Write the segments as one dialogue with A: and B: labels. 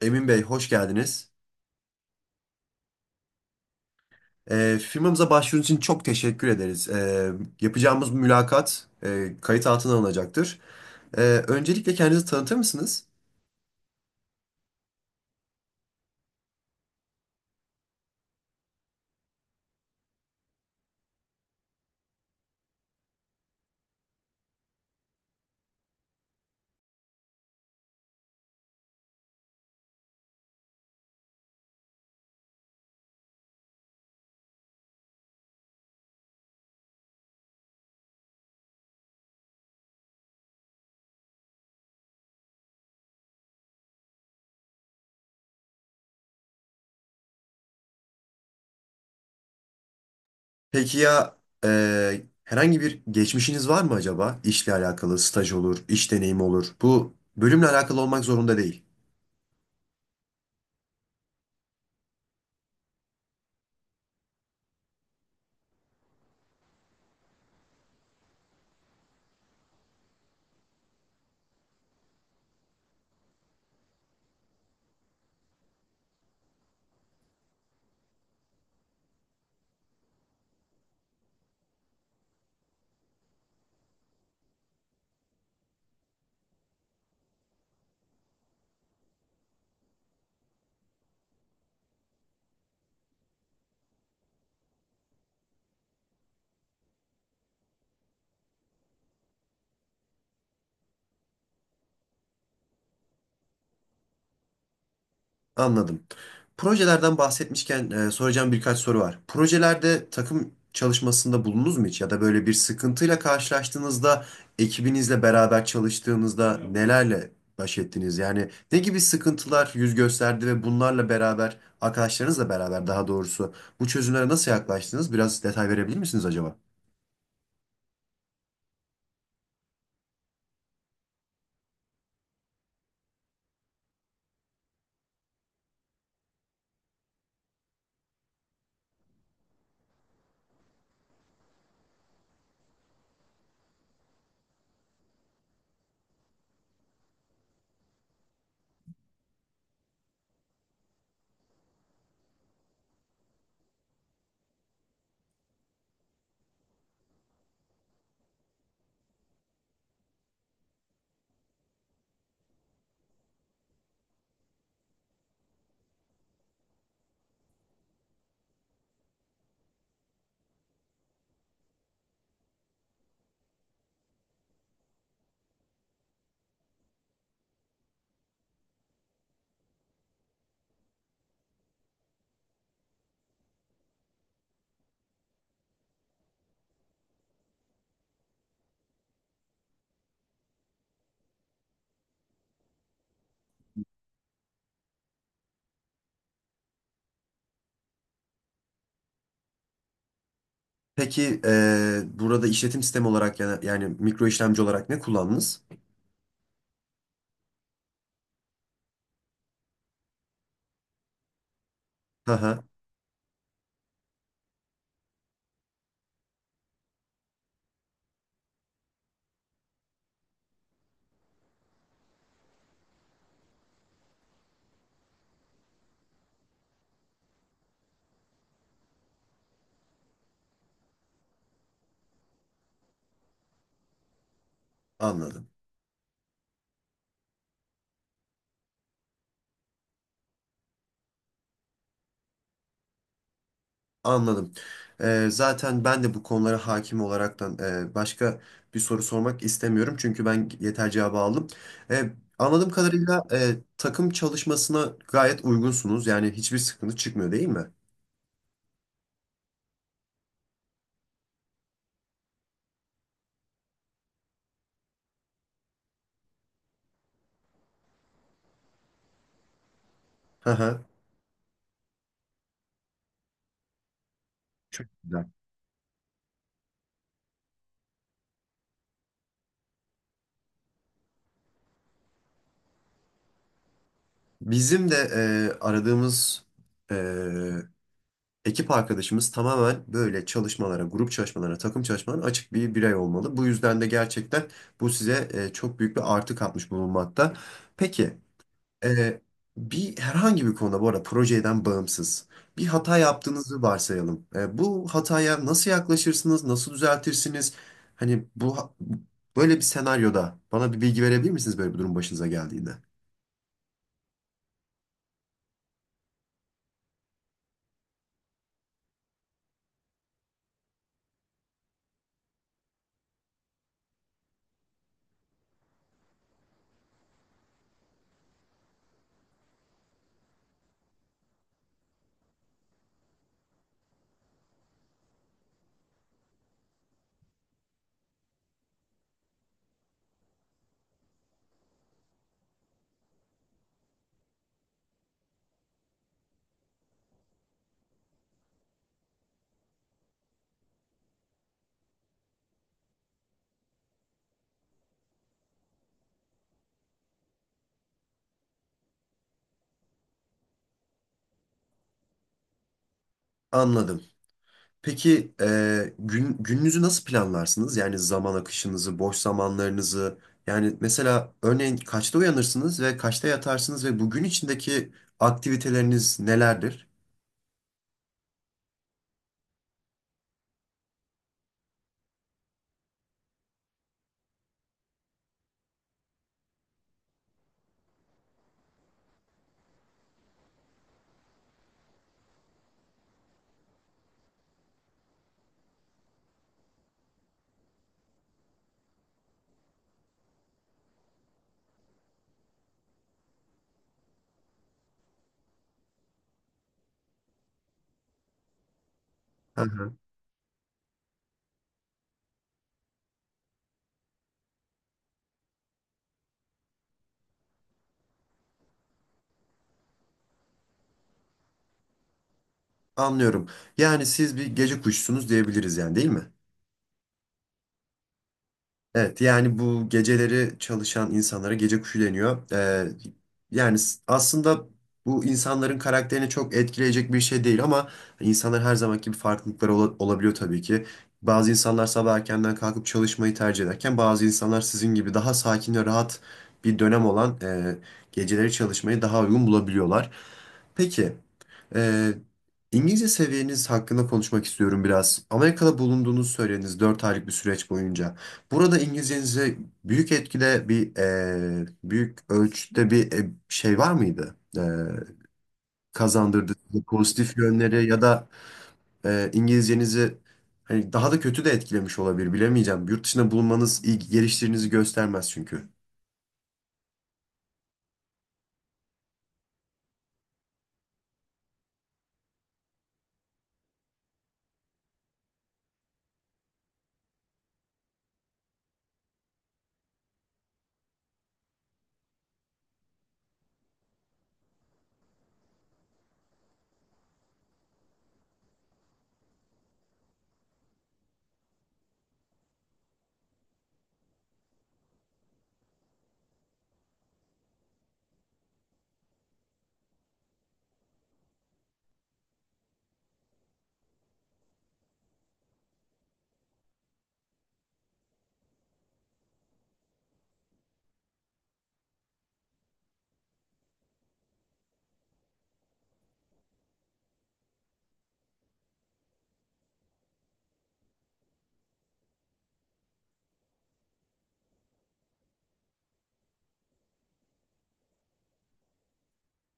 A: Emin Bey, hoş geldiniz. Firmamıza başvurunuz için çok teşekkür ederiz. Yapacağımız mülakat kayıt altına alınacaktır. Ee, Öncelikle kendinizi tanıtır mısınız? Peki ya herhangi bir geçmişiniz var mı acaba? İşle alakalı, staj olur, iş deneyimi olur. Bu bölümle alakalı olmak zorunda değil. Anladım. Projelerden bahsetmişken soracağım birkaç soru var. Projelerde takım çalışmasında bulundunuz mu hiç? Ya da böyle bir sıkıntıyla karşılaştığınızda, ekibinizle beraber çalıştığınızda nelerle baş ettiniz? Yani ne gibi sıkıntılar yüz gösterdi ve bunlarla beraber, arkadaşlarınızla beraber daha doğrusu bu çözümlere nasıl yaklaştınız? Biraz detay verebilir misiniz acaba? Peki burada işletim sistemi olarak yani mikro işlemci olarak ne kullandınız? Hı hı, anladım. Anladım. Zaten ben de bu konulara hakim olaraktan başka bir soru sormak istemiyorum. Çünkü ben yeter cevabı aldım. Ee, Anladığım kadarıyla takım çalışmasına gayet uygunsunuz. Yani hiçbir sıkıntı çıkmıyor, değil mi? Hı hı. Çok güzel. Bizim de aradığımız e, ekip arkadaşımız tamamen böyle çalışmalara, grup çalışmalara, takım çalışmalarına açık bir birey olmalı. Bu yüzden de gerçekten bu size çok büyük bir artı katmış bulunmakta. Peki. Ee, Herhangi bir konuda, bu arada projeden bağımsız, bir hata yaptığınızı varsayalım. Bu hataya nasıl yaklaşırsınız, nasıl düzeltirsiniz? Hani böyle bir senaryoda bana bir bilgi verebilir misiniz böyle bir durum başınıza geldiğinde? Anladım. Peki gününüzü nasıl planlarsınız? Yani zaman akışınızı, boş zamanlarınızı. Yani mesela örneğin kaçta uyanırsınız ve kaçta yatarsınız ve bugün içindeki aktiviteleriniz nelerdir? Anlıyorum. Yani siz bir gece kuşusunuz diyebiliriz yani, değil mi? Evet, yani bu geceleri çalışan insanlara gece kuşu deniyor. Aslında bu insanların karakterini çok etkileyecek bir şey değil, ama insanlar her zamanki gibi farklılıkları olabiliyor tabii ki. Bazı insanlar sabah erkenden kalkıp çalışmayı tercih ederken bazı insanlar sizin gibi daha sakin ve rahat bir dönem olan geceleri çalışmayı daha uygun bulabiliyorlar. Peki. Ee, İngilizce seviyeniz hakkında konuşmak istiyorum biraz. Amerika'da bulunduğunuzu söylediniz, 4 aylık bir süreç boyunca. Burada İngilizcenize büyük etkide bir büyük ölçüde bir şey var mıydı? Kazandırdı size pozitif yönleri ya da İngilizcenizi hani daha da kötü de etkilemiş olabilir, bilemeyeceğim. Yurt dışında bulunmanız iyi geliştirinizi göstermez çünkü.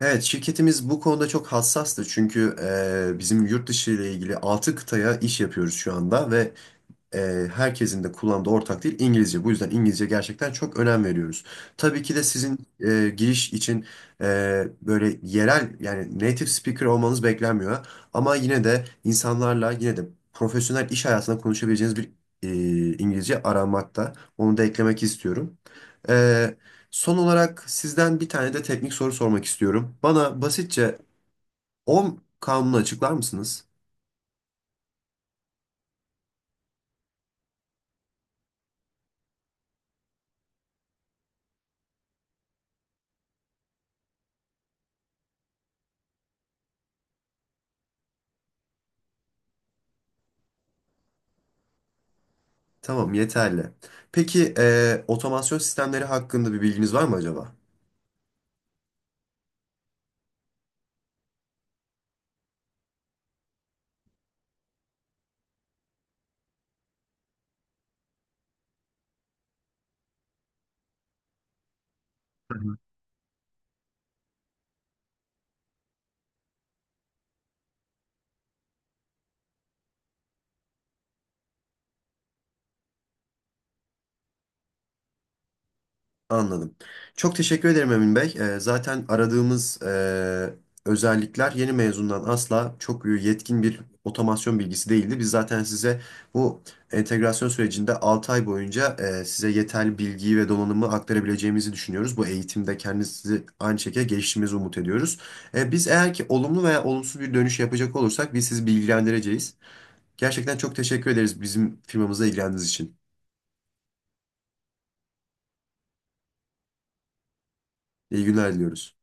A: Evet, şirketimiz bu konuda çok hassastı çünkü bizim yurt dışı ile ilgili 6 kıtaya iş yapıyoruz şu anda ve e, herkesin de kullandığı ortak dil İngilizce. Bu yüzden İngilizce gerçekten çok önem veriyoruz. Tabii ki de sizin giriş için böyle yerel, yani native speaker olmanız beklenmiyor. Ama yine de insanlarla yine de profesyonel iş hayatında konuşabileceğiniz bir e, İngilizce aramakta. Onu da eklemek istiyorum. E, Son olarak sizden bir tane de teknik soru sormak istiyorum. Bana basitçe 10 kanunu açıklar mısınız? Tamam, yeterli. Peki otomasyon sistemleri hakkında bir bilginiz var mı acaba? Anladım. Çok teşekkür ederim Emin Bey. Zaten aradığımız özellikler yeni mezundan asla çok yetkin bir otomasyon bilgisi değildi. Biz zaten size bu entegrasyon sürecinde 6 ay boyunca size yeterli bilgiyi ve donanımı aktarabileceğimizi düşünüyoruz. Bu eğitimde kendinizi aynı şekilde geliştirmenizi umut ediyoruz. Biz eğer ki olumlu veya olumsuz bir dönüş yapacak olursak biz sizi bilgilendireceğiz. Gerçekten çok teşekkür ederiz bizim firmamıza ilgilendiğiniz için. İyi günler diliyoruz.